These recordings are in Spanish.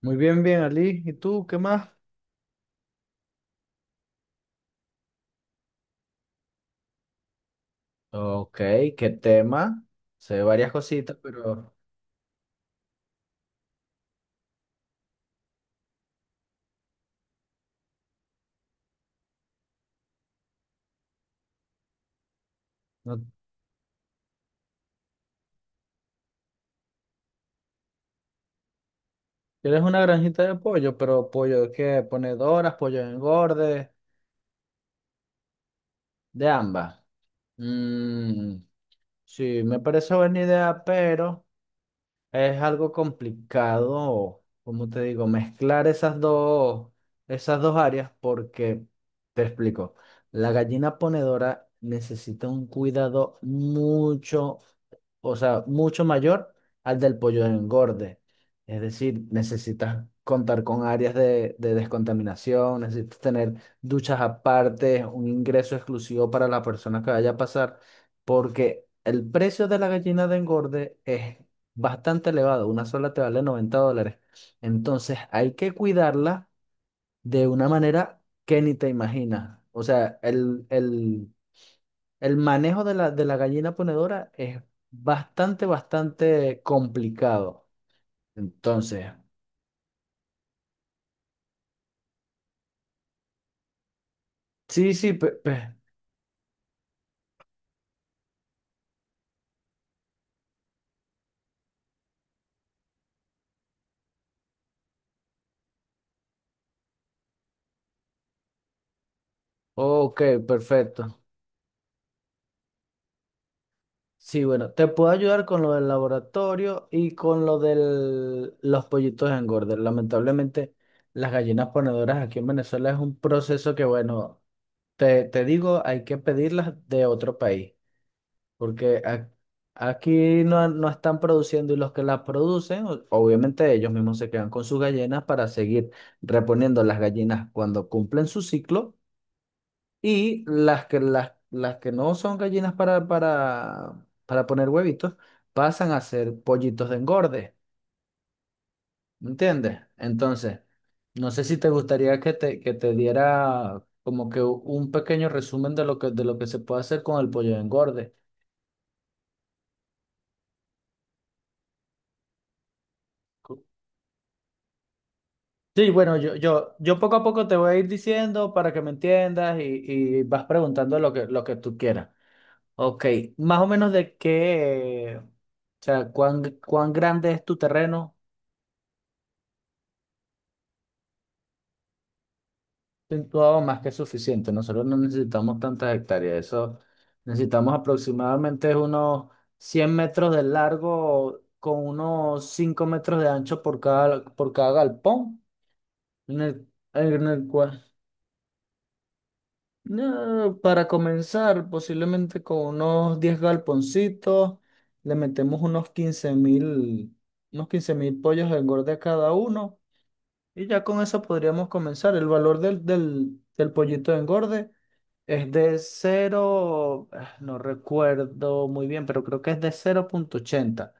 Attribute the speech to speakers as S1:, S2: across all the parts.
S1: Muy bien, bien, Ali. ¿Y tú qué más? Ok, ¿qué tema? Sé varias cositas, pero no. ¿Quieres una granjita de pollo? Pero pollo que ponedoras, pollo engorde. De ambas. Mm, sí, me parece buena idea, pero es algo complicado, como te digo, mezclar esas dos áreas porque, te explico, la gallina ponedora necesita un cuidado mucho, o sea, mucho mayor al del pollo de engorde. Es decir, necesitas contar con áreas de descontaminación, necesitas tener duchas aparte, un ingreso exclusivo para la persona que vaya a pasar, porque el precio de la gallina de engorde es bastante elevado. Una sola te vale $90. Entonces hay que cuidarla de una manera que ni te imaginas. O sea, el manejo de la gallina ponedora es bastante, bastante complicado. Entonces, sí, sí, ok, perfecto. Sí, bueno, te puedo ayudar con lo del laboratorio y con lo de los pollitos engordes. Lamentablemente, las gallinas ponedoras aquí en Venezuela es un proceso que, bueno, te digo, hay que pedirlas de otro país, porque aquí no están produciendo y los que las producen, obviamente ellos mismos se quedan con sus gallinas para seguir reponiendo las gallinas cuando cumplen su ciclo, y las que no son gallinas para, para poner huevitos pasan a ser pollitos de engorde. ¿Entiendes? Entonces, no sé si te gustaría que te diera como que un pequeño resumen de lo que se puede hacer con el pollo de engorde. Co- Sí, bueno, yo poco a poco te voy a ir diciendo para que me entiendas, y vas preguntando lo que tú quieras. Ok, más o menos de qué, o sea, cuán grande es tu terreno. Situado, más que suficiente. Nosotros no necesitamos tantas hectáreas. Eso, necesitamos aproximadamente unos 100 metros de largo con unos 5 metros de ancho por cada galpón. En el, en el cual, no, para comenzar, posiblemente con unos 10 galponcitos, le metemos unos quince mil pollos de engorde a cada uno. Y ya con eso podríamos comenzar. El valor del pollito de engorde es de cero, ah, no recuerdo muy bien, pero creo que es de 0,80.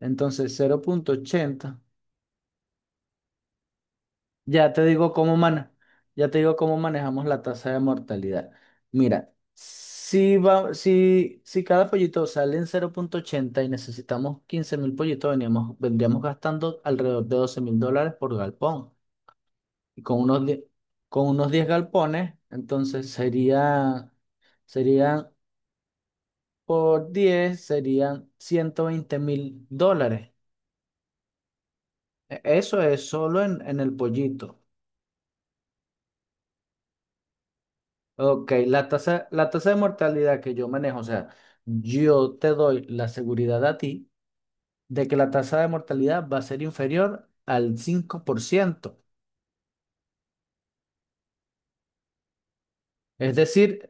S1: Entonces, 0,80, ya te digo cómo mana ya te digo cómo manejamos la tasa de mortalidad. Mira, si va, si, si cada pollito sale en 0,80 y necesitamos 15.000 pollitos, vendríamos gastando alrededor de $12.000 por galpón. Y con unos 10 galpones, entonces serían, por 10 serían $120.000. Eso es solo en el pollito. Ok, la tasa de mortalidad que yo manejo, o sea, yo te doy la seguridad a ti de que la tasa de mortalidad va a ser inferior al 5%. Es decir,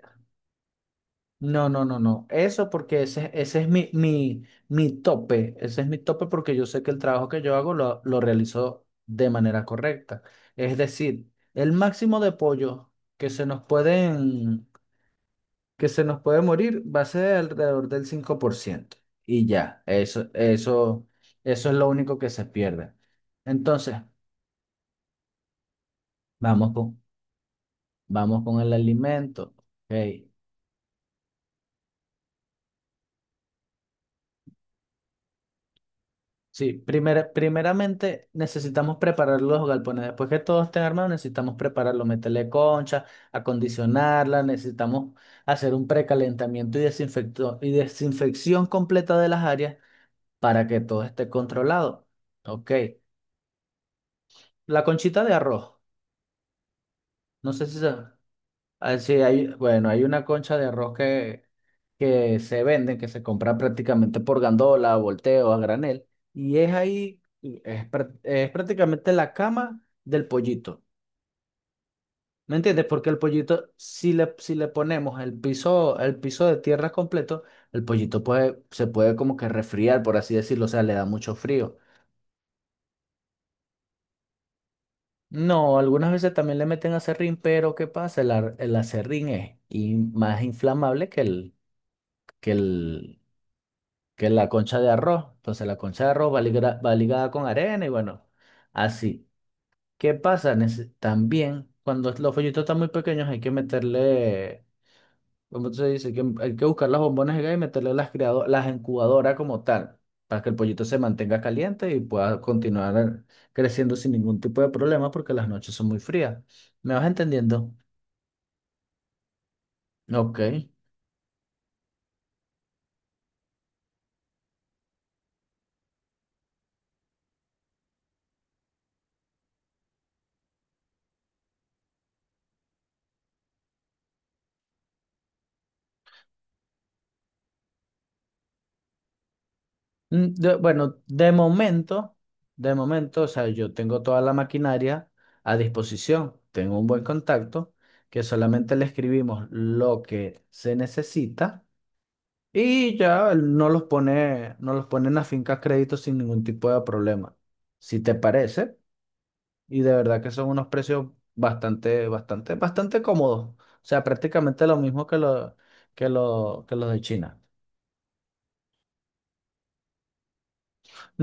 S1: no, no, no, no. Eso porque ese es mi tope. Ese es mi tope porque yo sé que el trabajo que yo hago lo realizo de manera correcta. Es decir, el máximo de pollo que se nos pueden, que se nos puede morir va a ser alrededor del 5%. Y ya, eso es lo único que se pierde. Entonces, vamos con, vamos con el alimento. Ok. Sí, primeramente necesitamos preparar los galpones. Después que todos estén armados, necesitamos prepararlo, meterle concha, acondicionarla, necesitamos hacer un precalentamiento y desinfección completa de las áreas para que todo esté controlado. Ok, la conchita de arroz, no sé si se... Ah, sí, bueno, hay una concha de arroz que se venden, que se compra prácticamente por gandola, a volteo, a granel, y es ahí, es prácticamente la cama del pollito. ¿Me entiendes? Porque el pollito, si le ponemos el piso, de tierra completo, el pollito puede, se puede como que resfriar, por así decirlo, o sea, le da mucho frío. No, algunas veces también le meten aserrín, pero ¿qué pasa? El aserrín es más inflamable que que el, es la concha de arroz. Entonces la concha de arroz va ligada con arena y, bueno, así. ¿Qué pasa? También cuando los follitos están muy pequeños hay que meterle, ¿cómo se dice? Que hay que buscar las bombones de gas y meterle las incubadoras como tal, para que el pollito se mantenga caliente y pueda continuar creciendo sin ningún tipo de problema porque las noches son muy frías. ¿Me vas entendiendo? Ok. Bueno, de momento, o sea, yo tengo toda la maquinaria a disposición, tengo un buen contacto, que solamente le escribimos lo que se necesita y ya él no los pone, en la finca a crédito sin ningún tipo de problema. Si te parece, y de verdad que son unos precios bastante, bastante, bastante cómodos. O sea, prácticamente lo mismo que los de China.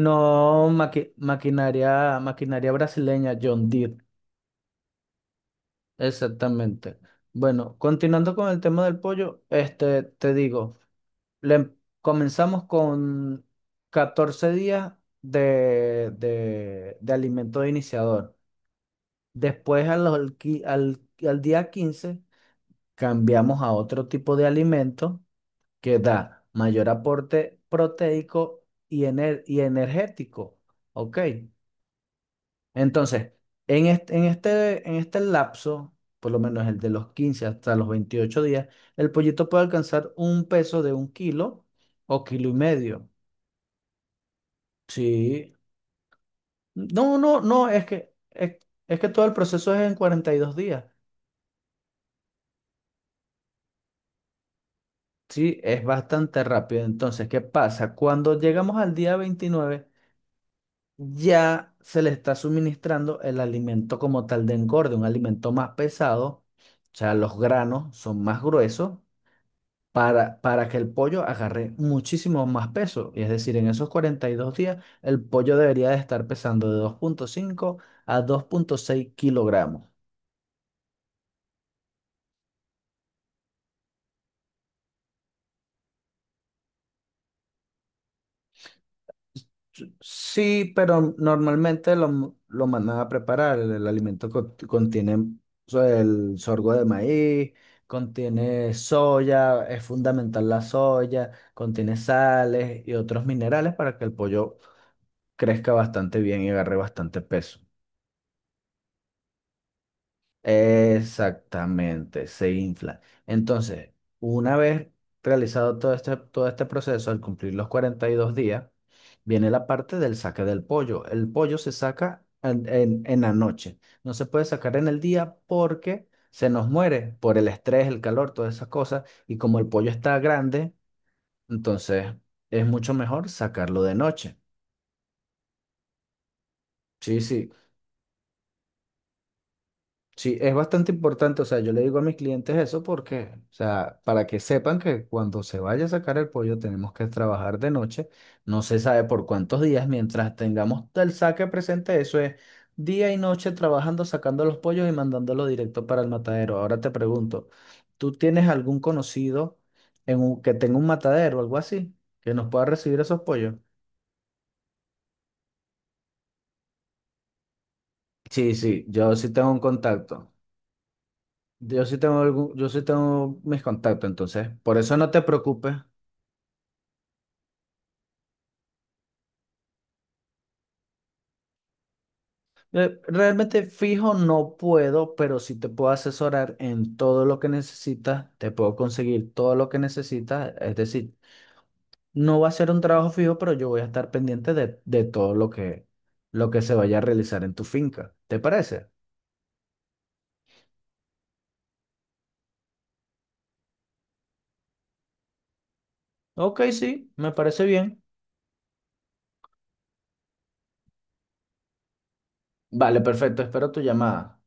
S1: No, maquinaria brasileña, John Deere, exactamente. Bueno, continuando con el tema del pollo, este, te digo, comenzamos con 14 días de alimento de iniciador. Después a los qui- al, al día 15 cambiamos a otro tipo de alimento que da mayor aporte proteico y energético. Ok. Entonces, en este lapso, por lo menos el de los 15 hasta los 28 días, el pollito puede alcanzar un peso de 1 kilo o 1,5 kilos. Sí. No, no, no, es que todo el proceso es en 42 días. Sí, es bastante rápido. Entonces, ¿qué pasa? Cuando llegamos al día 29, ya se le está suministrando el alimento como tal de engorde, un alimento más pesado. O sea, los granos son más gruesos para que el pollo agarre muchísimo más peso. Y es decir, en esos 42 días, el pollo debería de estar pesando de 2,5 a 2,6 kilogramos. Sí, pero normalmente lo mandan a preparar. El alimento contiene el sorgo de maíz, contiene soya, es fundamental la soya, contiene sales y otros minerales para que el pollo crezca bastante bien y agarre bastante peso. Exactamente, se infla. Entonces, una vez realizado todo este proceso, al cumplir los 42 días, viene la parte del saque del pollo. El pollo se saca en la noche. No se puede sacar en el día porque se nos muere por el estrés, el calor, todas esas cosas. Y como el pollo está grande, entonces es mucho mejor sacarlo de noche. Sí, sí. Sí, es bastante importante, o sea, yo le digo a mis clientes eso porque, o sea, para que sepan que cuando se vaya a sacar el pollo tenemos que trabajar de noche, no se sabe por cuántos días, mientras tengamos el saque presente, eso es día y noche trabajando, sacando los pollos y mandándolos directo para el matadero. Ahora te pregunto, ¿tú tienes algún conocido que tenga un matadero o algo así que nos pueda recibir esos pollos? Sí, sí, yo sí tengo un contacto. Yo sí tengo mis contactos, entonces, por eso no te preocupes. Realmente fijo no puedo, pero sí te puedo asesorar en todo lo que necesitas, te puedo conseguir todo lo que necesitas, es decir, no va a ser un trabajo fijo, pero yo voy a estar pendiente de todo lo que se vaya a realizar en tu finca. ¿Te parece? Ok, sí, me parece bien. Vale, perfecto, espero tu llamada.